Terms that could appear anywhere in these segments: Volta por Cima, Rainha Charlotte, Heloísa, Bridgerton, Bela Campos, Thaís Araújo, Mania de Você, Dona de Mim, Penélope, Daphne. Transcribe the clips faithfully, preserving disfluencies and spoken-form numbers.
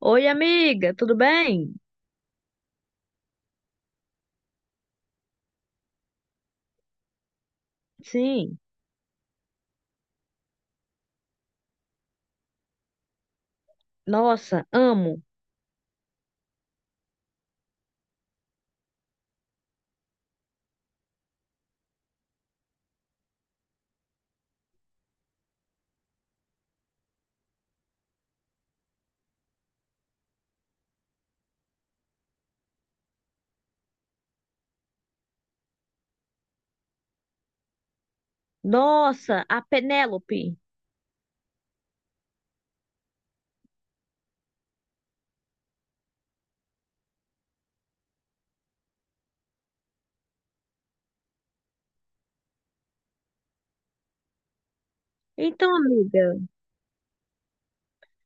Oi, amiga, tudo bem? Sim. Nossa, amo. Nossa, a Penélope. Então, amiga,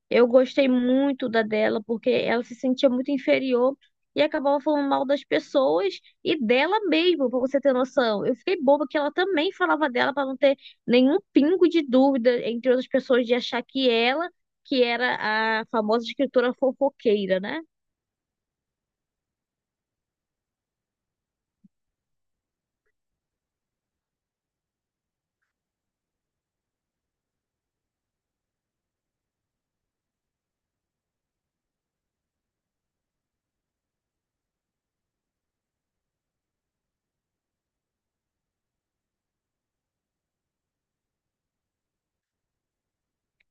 eu gostei muito da dela porque ela se sentia muito inferior e acabava falando mal das pessoas e dela mesma, pra você ter noção. Eu fiquei boba que ela também falava dela pra não ter nenhum pingo de dúvida entre outras pessoas de achar que ela que era a famosa escritora fofoqueira, né?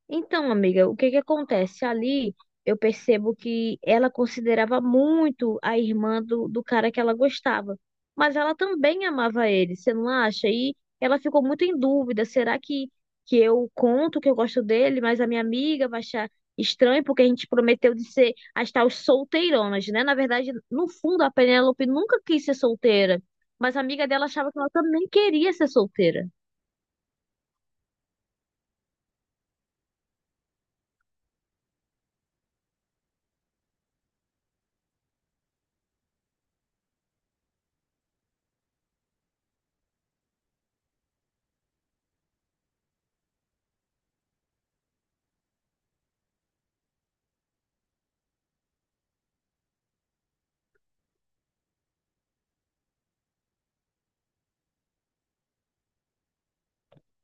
Então, amiga, o que que acontece? Ali eu percebo que ela considerava muito a irmã do, do cara que ela gostava, mas ela também amava ele, você não acha? E ela ficou muito em dúvida: será que, que eu conto que eu gosto dele, mas a minha amiga vai achar estranho porque a gente prometeu de ser as tais solteironas, né? Na verdade, no fundo, a Penélope nunca quis ser solteira, mas a amiga dela achava que ela também queria ser solteira.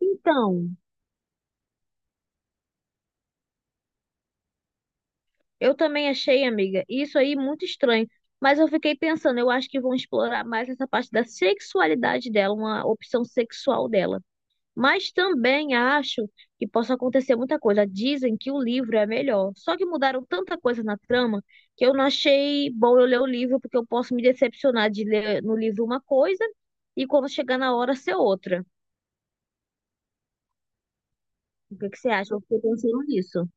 Então, eu também achei, amiga, isso aí muito estranho. Mas eu fiquei pensando, eu acho que vão explorar mais essa parte da sexualidade dela, uma opção sexual dela. Mas também acho que possa acontecer muita coisa. Dizem que o livro é melhor. Só que mudaram tanta coisa na trama que eu não achei bom eu ler o livro, porque eu posso me decepcionar de ler no livro uma coisa e quando chegar na hora ser outra. O que que você acha? Eu fiquei pensando nisso.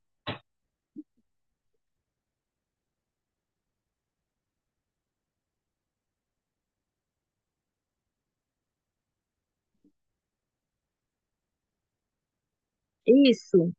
Isso.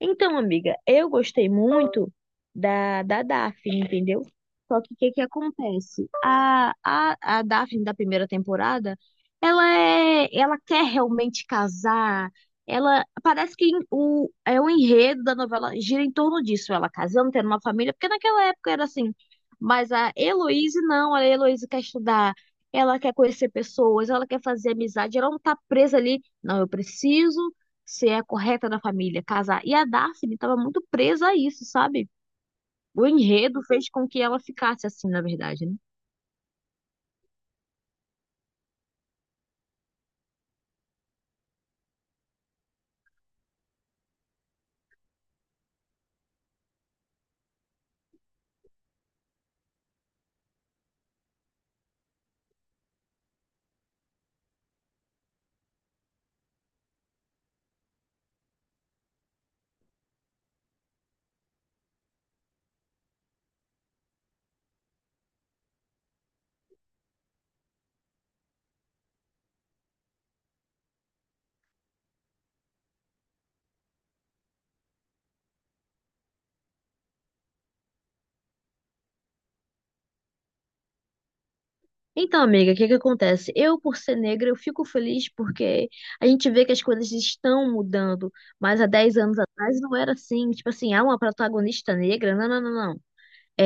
Então, amiga, eu gostei muito da, da Daphne, entendeu? Só que o que que acontece? A, a, a Daphne da primeira temporada, ela é, ela quer realmente casar. Ela parece que o, é o enredo da novela gira em torno disso, ela casando, tendo uma família, porque naquela época era assim. Mas a Heloísa não, a Heloísa quer estudar, ela quer conhecer pessoas, ela quer fazer amizade, ela não tá presa ali. Não, eu preciso se é correta na família, casar. E a Daphne estava muito presa a isso, sabe? O enredo fez com que ela ficasse assim, na verdade, né? Então, amiga, o que que acontece? Eu, por ser negra, eu fico feliz porque a gente vê que as coisas estão mudando, mas há dez anos atrás não era assim. Tipo assim, ah, uma protagonista negra? Não, não, não, não. É,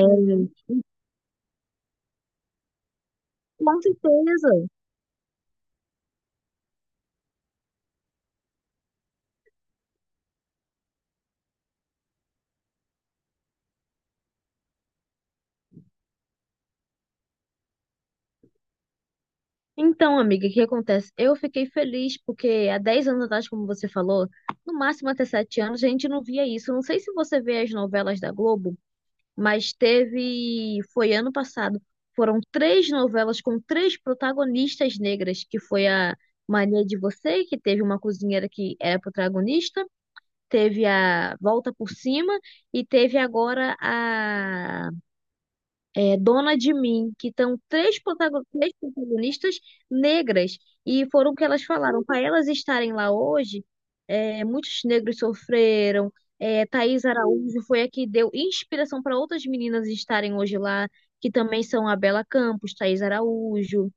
com certeza. Então, amiga, o que acontece? Eu fiquei feliz porque há dez anos atrás, como você falou, no máximo até sete anos, a gente não via isso. Não sei se você vê as novelas da Globo, mas teve. Foi ano passado. Foram três novelas com três protagonistas negras, que foi a Mania de Você, que teve uma cozinheira que era protagonista, teve a Volta por Cima e teve agora é, Dona de Mim, que estão três, protago- três protagonistas negras, e foram o que elas falaram. Para elas estarem lá hoje, é, muitos negros sofreram. É, Thaís Araújo foi a que deu inspiração para outras meninas estarem hoje lá, que também são a Bela Campos, Thaís Araújo,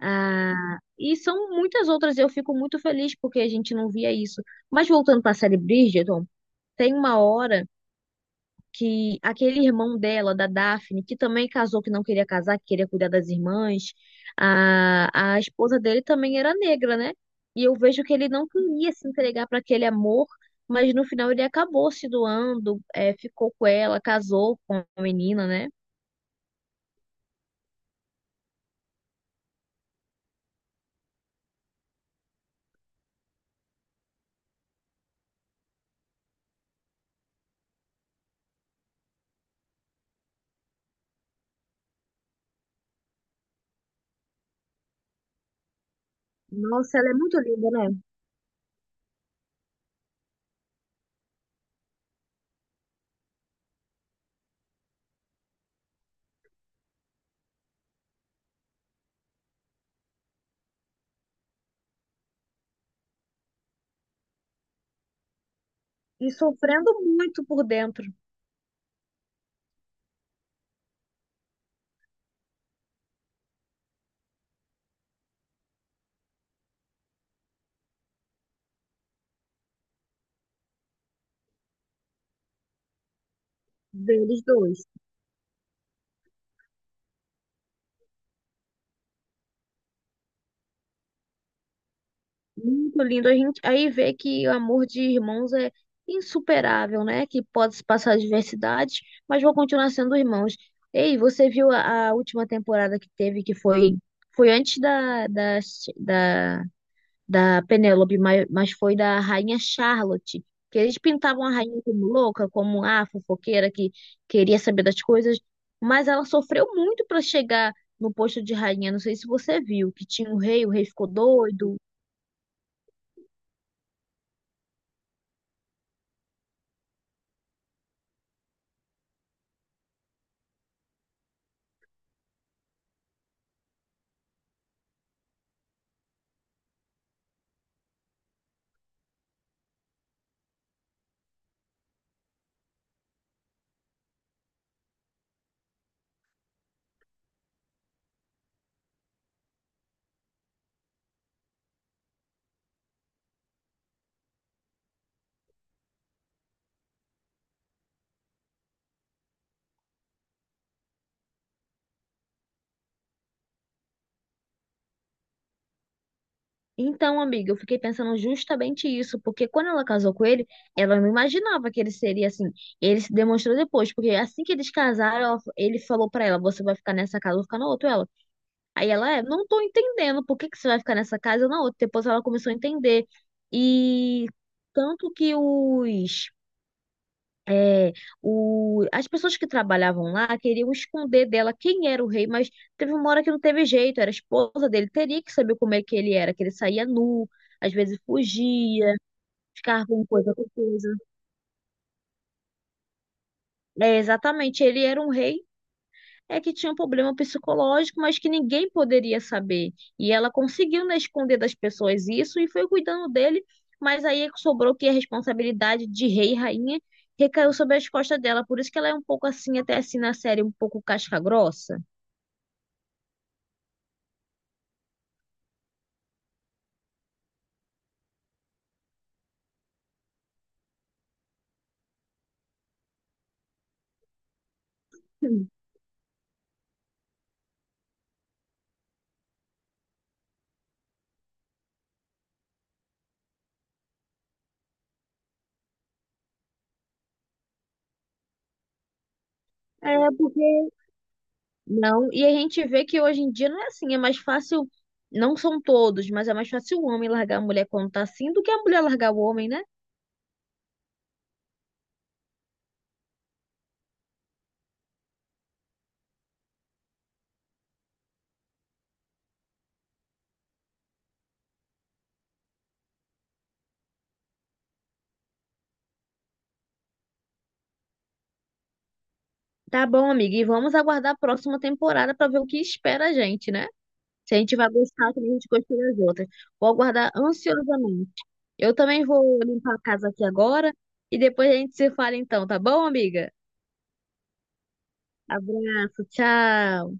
a... e são muitas outras. Eu fico muito feliz porque a gente não via isso. Mas voltando para a série Bridgerton, tem uma hora que aquele irmão dela, da Daphne, que também casou, que não queria casar, que queria cuidar das irmãs, a, a esposa dele também era negra, né? E eu vejo que ele não queria se entregar para aquele amor, mas no final ele acabou se doando, é, ficou com ela, casou com a menina, né? Nossa, ela é muito linda, né? E sofrendo muito por dentro deles dois. Muito lindo. A gente aí vê que o amor de irmãos é insuperável, né? Que pode se passar adversidades, mas vão continuar sendo irmãos. Ei, você viu a, a última temporada que teve, que foi, foi antes da, da, da, da Penélope, mas, mas foi da Rainha Charlotte. Que eles pintavam a rainha como louca, como a fofoqueira que queria saber das coisas, mas ela sofreu muito para chegar no posto de rainha. Não sei se você viu, que tinha o rei, o rei ficou doido. Então, amiga, eu fiquei pensando justamente isso, porque quando ela casou com ele, ela não imaginava que ele seria assim. Ele se demonstrou depois, porque assim que eles casaram, ela- ele falou pra ela: Você vai ficar nessa casa, eu vou ficar na outra. Ela, aí ela é, não tô entendendo por que que você vai ficar nessa casa ou na outra. Depois ela começou a entender. E tanto que os é, o, as pessoas que trabalhavam lá queriam esconder dela quem era o rei, mas teve uma hora que não teve jeito, era a esposa dele, teria que saber como é que ele era, que ele saía nu, às vezes fugia, ficava com coisa com coisa. É, exatamente, ele era um rei, é que tinha um problema psicológico, mas que ninguém poderia saber. E ela conseguiu, né, esconder das pessoas isso e foi cuidando dele, mas aí sobrou que a responsabilidade de rei e rainha recaiu sobre as costas dela. Por isso que ela é um pouco assim, até assim na série, um pouco casca-grossa. É, porque Não, e a gente vê que hoje em dia não é assim, é mais fácil, não são todos, mas é mais fácil o homem largar a mulher quando tá assim do que a mulher largar o homem, né? Tá bom, amiga, e vamos aguardar a próxima temporada pra ver o que espera a gente, né? Se a gente vai gostar, também a gente gostou das outras. Vou aguardar ansiosamente. Eu também vou limpar a casa aqui agora e depois a gente se fala então, tá bom, amiga? Abraço, tchau.